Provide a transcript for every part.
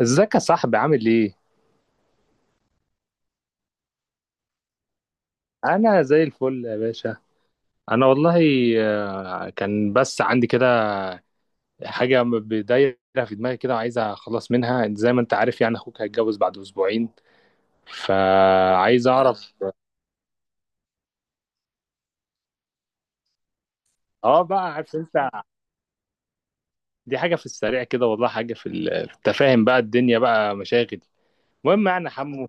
ازيك يا صاحبي، عامل ايه؟ انا زي الفل يا باشا. انا والله كان بس عندي كده حاجه بدايره في دماغي كده، وعايز اخلص منها. زي ما انت عارف يعني، اخوك هيتجوز بعد اسبوعين، فعايز اعرف. اه، بقى عارف انت، دي حاجه في السريع كده والله، حاجه في في التفاهم بقى، الدنيا بقى مشاغل. المهم يعني، حمو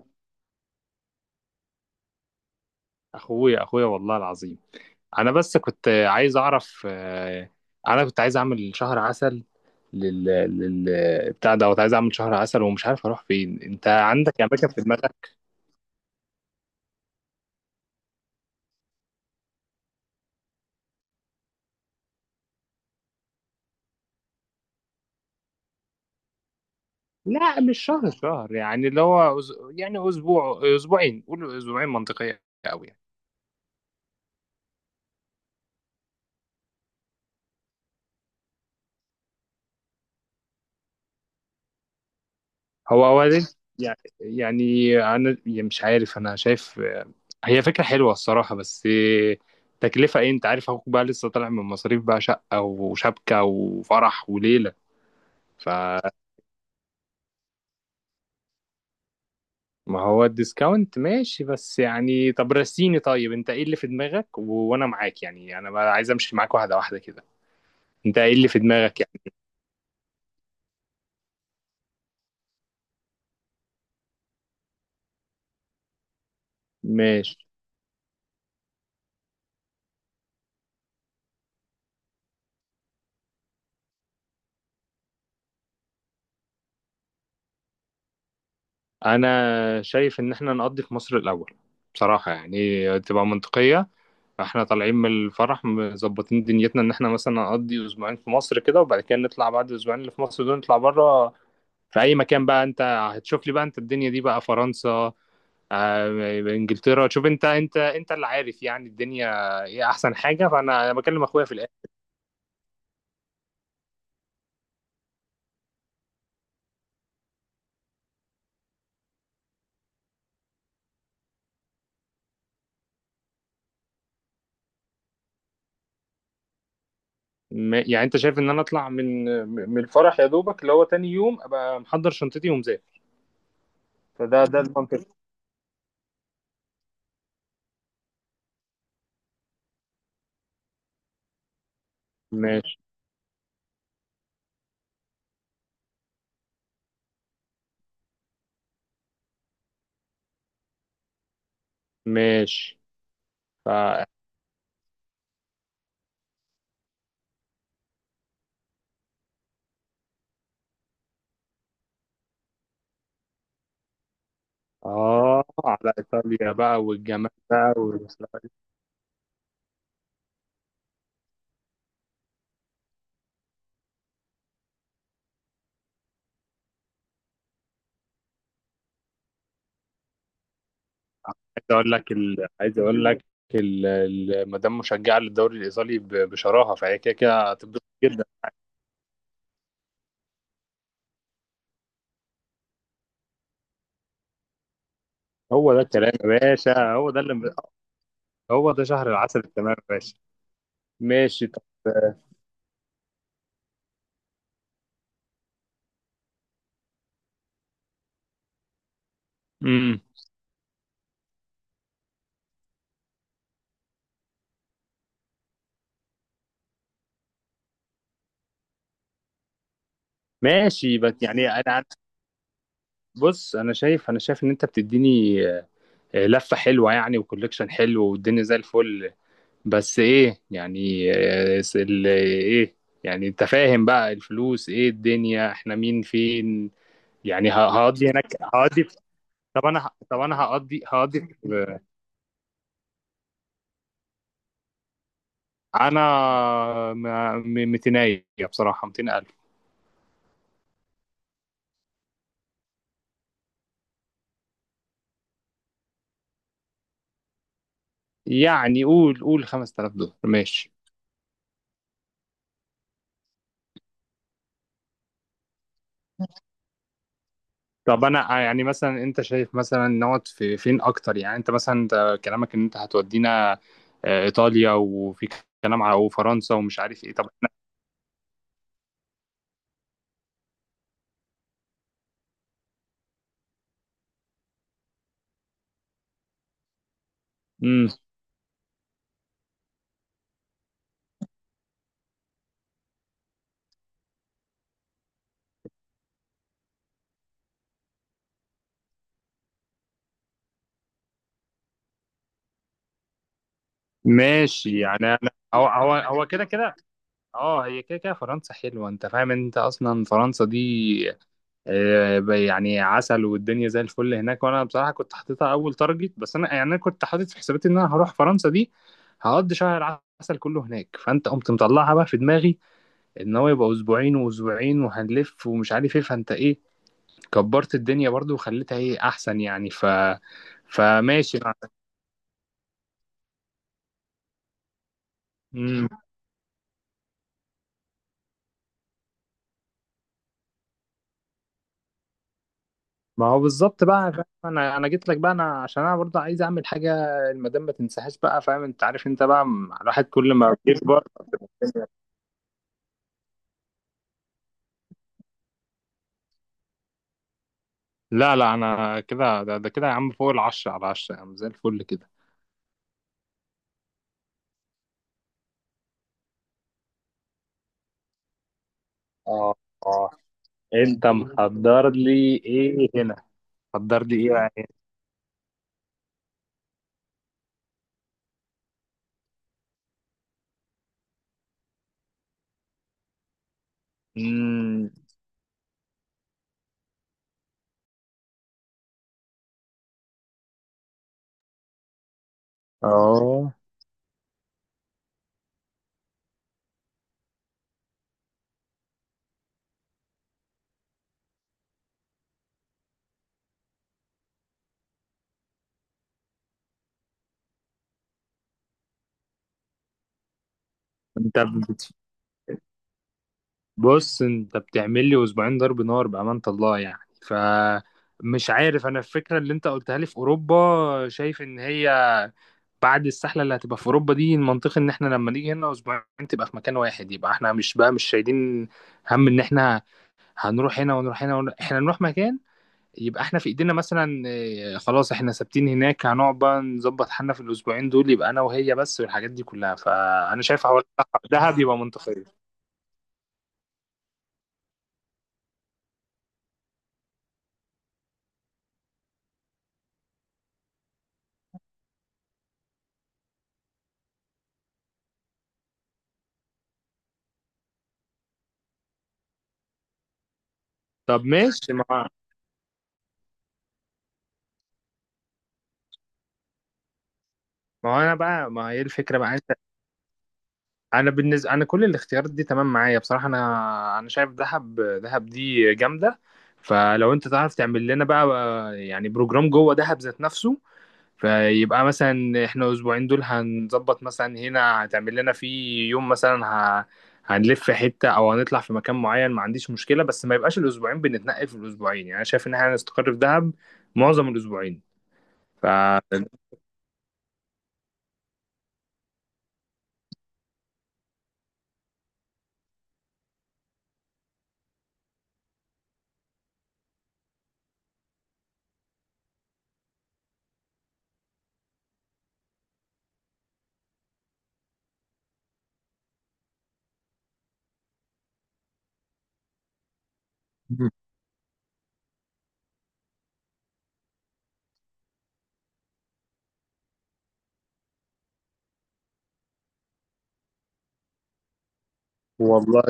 اخويا اخويا والله العظيم. انا بس كنت عايز اعرف، انا كنت عايز اعمل شهر عسل لل لل بتاع دوت. عايز اعمل شهر عسل ومش عارف اروح فين، انت عندك اماكن في دماغك؟ لا مش شهر شهر، يعني اللي هو يعني اسبوع اسبوعين، قول اسبوعين منطقيه قوي يعني. هو اولا، يعني انا يعني مش عارف. انا شايف هي فكره حلوه الصراحه، بس تكلفه ايه؟ انت عارف اخوك بقى لسه طالع من مصاريف بقى، شقه وشبكه وفرح وليله. ما هو الديسكاونت ماشي، بس يعني طب رسيني. طيب انت ايه اللي في دماغك وانا معاك؟ يعني انا بقى عايز امشي معاك واحده واحده كده. انت ايه اللي في دماغك يعني؟ ماشي. انا شايف ان احنا نقضي في مصر الاول، بصراحه يعني تبقى منطقيه. احنا طالعين من الفرح مظبطين دنيتنا، ان احنا مثلا نقضي اسبوعين في مصر كده، وبعد كده نطلع بعد الاسبوعين اللي في مصر دول نطلع بره. في اي مكان بقى انت هتشوف لي بقى، انت الدنيا دي بقى فرنسا، آه، انجلترا، شوف انت. انت اللي عارف يعني الدنيا، ايه احسن حاجه. فانا بكلم اخويا في الاخر. يعني انت شايف ان انا اطلع من الفرح يا دوبك اللي هو تاني يوم، ابقى محضر شنطتي ومذاكر؟ فده ده المنطق. ماشي. ماشي. ف... اه، على ايطاليا بقى، والجمال بقى وال-. عايز اقول لك عايز اقول لك مدام مشجعه للدوري الايطالي بشراهه، فهي كده كده هتبدو. هو ده الكلام يا باشا، هو ده اللي، هو ده شهر العسل التمام يا باشا. ماشي طب. امم. ماشي بس يعني بص، انا شايف ان انت بتديني لفه حلوه يعني، وكوليكشن حلو، والدنيا زي الفل. بس ايه يعني ايه، يعني انت فاهم بقى الفلوس ايه، الدنيا احنا مين فين يعني هقضي هناك، طب انا طب انا هقضي في-. انا م- 200، بصراحه 200 ألف. يعني قول 5000 دولار ماشي. طب انا يعني مثلا انت شايف مثلا نقعد في فين اكتر؟ يعني انت مثلا، انت كلامك ان انت هتودينا ايطاليا وفي كلام على وفرنسا ومش عارف ايه. طب احنا. امم. ماشي يعني انا، هو هو كده كده. اه، هي كده كده فرنسا حلوه، انت فاهم، انت اصلا فرنسا دي يعني عسل، والدنيا زي الفل هناك. وانا بصراحه كنت حاططها اول تارجت، بس انا يعني، انا كنت حاطط في حساباتي ان انا هروح فرنسا دي هقضي شهر عسل كله هناك. فانت قمت مطلعها بقى في دماغي ان هو يبقى اسبوعين واسبوعين، وهنلف ومش عارف ايه. فانت ايه كبرت الدنيا برضو، وخليتها ايه احسن يعني. فماشي بقى. مم. ما هو بالظبط بقى، فاهم؟ انا جيت لك بقى، انا عشان انا برضه عايز اعمل حاجه، المدام ما تنساهاش بقى، فاهم؟ انت عارف، انت بقى الواحد كل ما بيكبر. لا لا، انا كده ده كده يا عم فوق العشرة على عشرة، يا عم زي الفل كده. اه اه، انت محضر لي ايه هنا؟ حضر لي ايه بقى؟ امم. اه، انت بص انت بتعمل لي اسبوعين ضرب نار بأمانة الله يعني. ف مش عارف، انا الفكرة اللي انت قلتها لي في اوروبا شايف ان هي بعد السحلة اللي هتبقى في اوروبا دي، المنطقي ان احنا لما نيجي هنا اسبوعين تبقى في مكان واحد. يبقى احنا مش بقى، مش شايلين هم ان احنا هنروح هنا ونروح هنا ونروح. احنا نروح مكان يبقى احنا في ايدينا، مثلا خلاص احنا ثابتين هناك، هنقعد بقى نظبط حالنا في الاسبوعين دول، يبقى انا وهي بس والحاجات دي كلها. فانا شايف حوار دهب يبقى منطقية. طب ماشي ما هو انا بقى، ما هي الفكرة بقى، انت، انا بالنسبة انا كل الاختيارات دي تمام معايا بصراحة. انا شايف دهب. دهب دي جامدة. فلو انت تعرف تعمل لنا بقى يعني بروجرام جوه دهب ذات نفسه، فيبقى مثلا احنا اسبوعين دول هنظبط، مثلا هنا هتعمل لنا في يوم مثلا هنلف حتة او هنطلع في مكان معين، ما عنديش مشكلة، بس ما يبقاش الاسبوعين بنتنقل في الاسبوعين. يعني انا شايف ان احنا هنستقر في دهب معظم الاسبوعين. ف والله،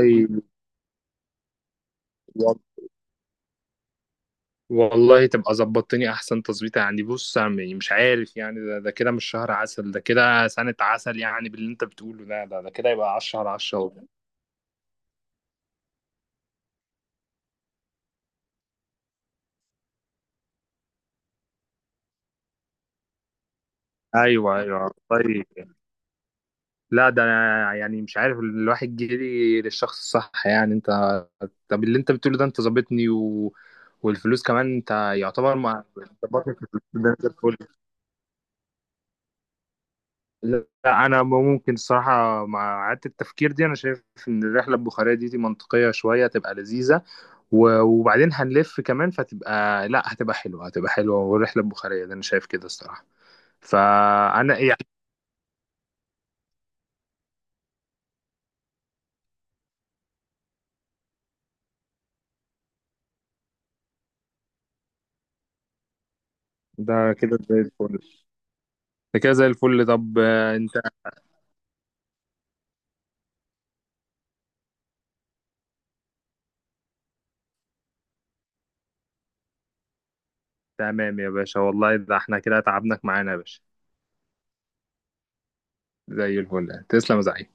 والله تبقى ظبطتني احسن تظبيطه يعني. بص يعني مش عارف يعني ده كده مش شهر عسل، ده كده سنة عسل يعني، باللي انت بتقوله ده ده كده يبقى 10 على 10. ايوه ايوه والله، لا ده انا يعني مش عارف الواحد جري للشخص الصح يعني. انت، طب اللي انت بتقوله ده انت ظابطني والفلوس كمان انت يعتبر، ما ظبطني في الفلوس ده زي الفل. لا، انا ممكن الصراحه مع اعاده التفكير دي، انا شايف ان الرحله البخاريه دي منطقيه شويه، تبقى لذيذه وبعدين هنلف كمان، فتبقى لا هتبقى حلوه. هتبقى حلوه والرحله البخاريه ده انا شايف كده الصراحه. فانا يعني. ده كده زي الفل. ده كده زي الفل طب انت. تمام يا باشا والله، ده احنا كده تعبناك معانا يا باشا. زي الفل، تسلم يا زعيم.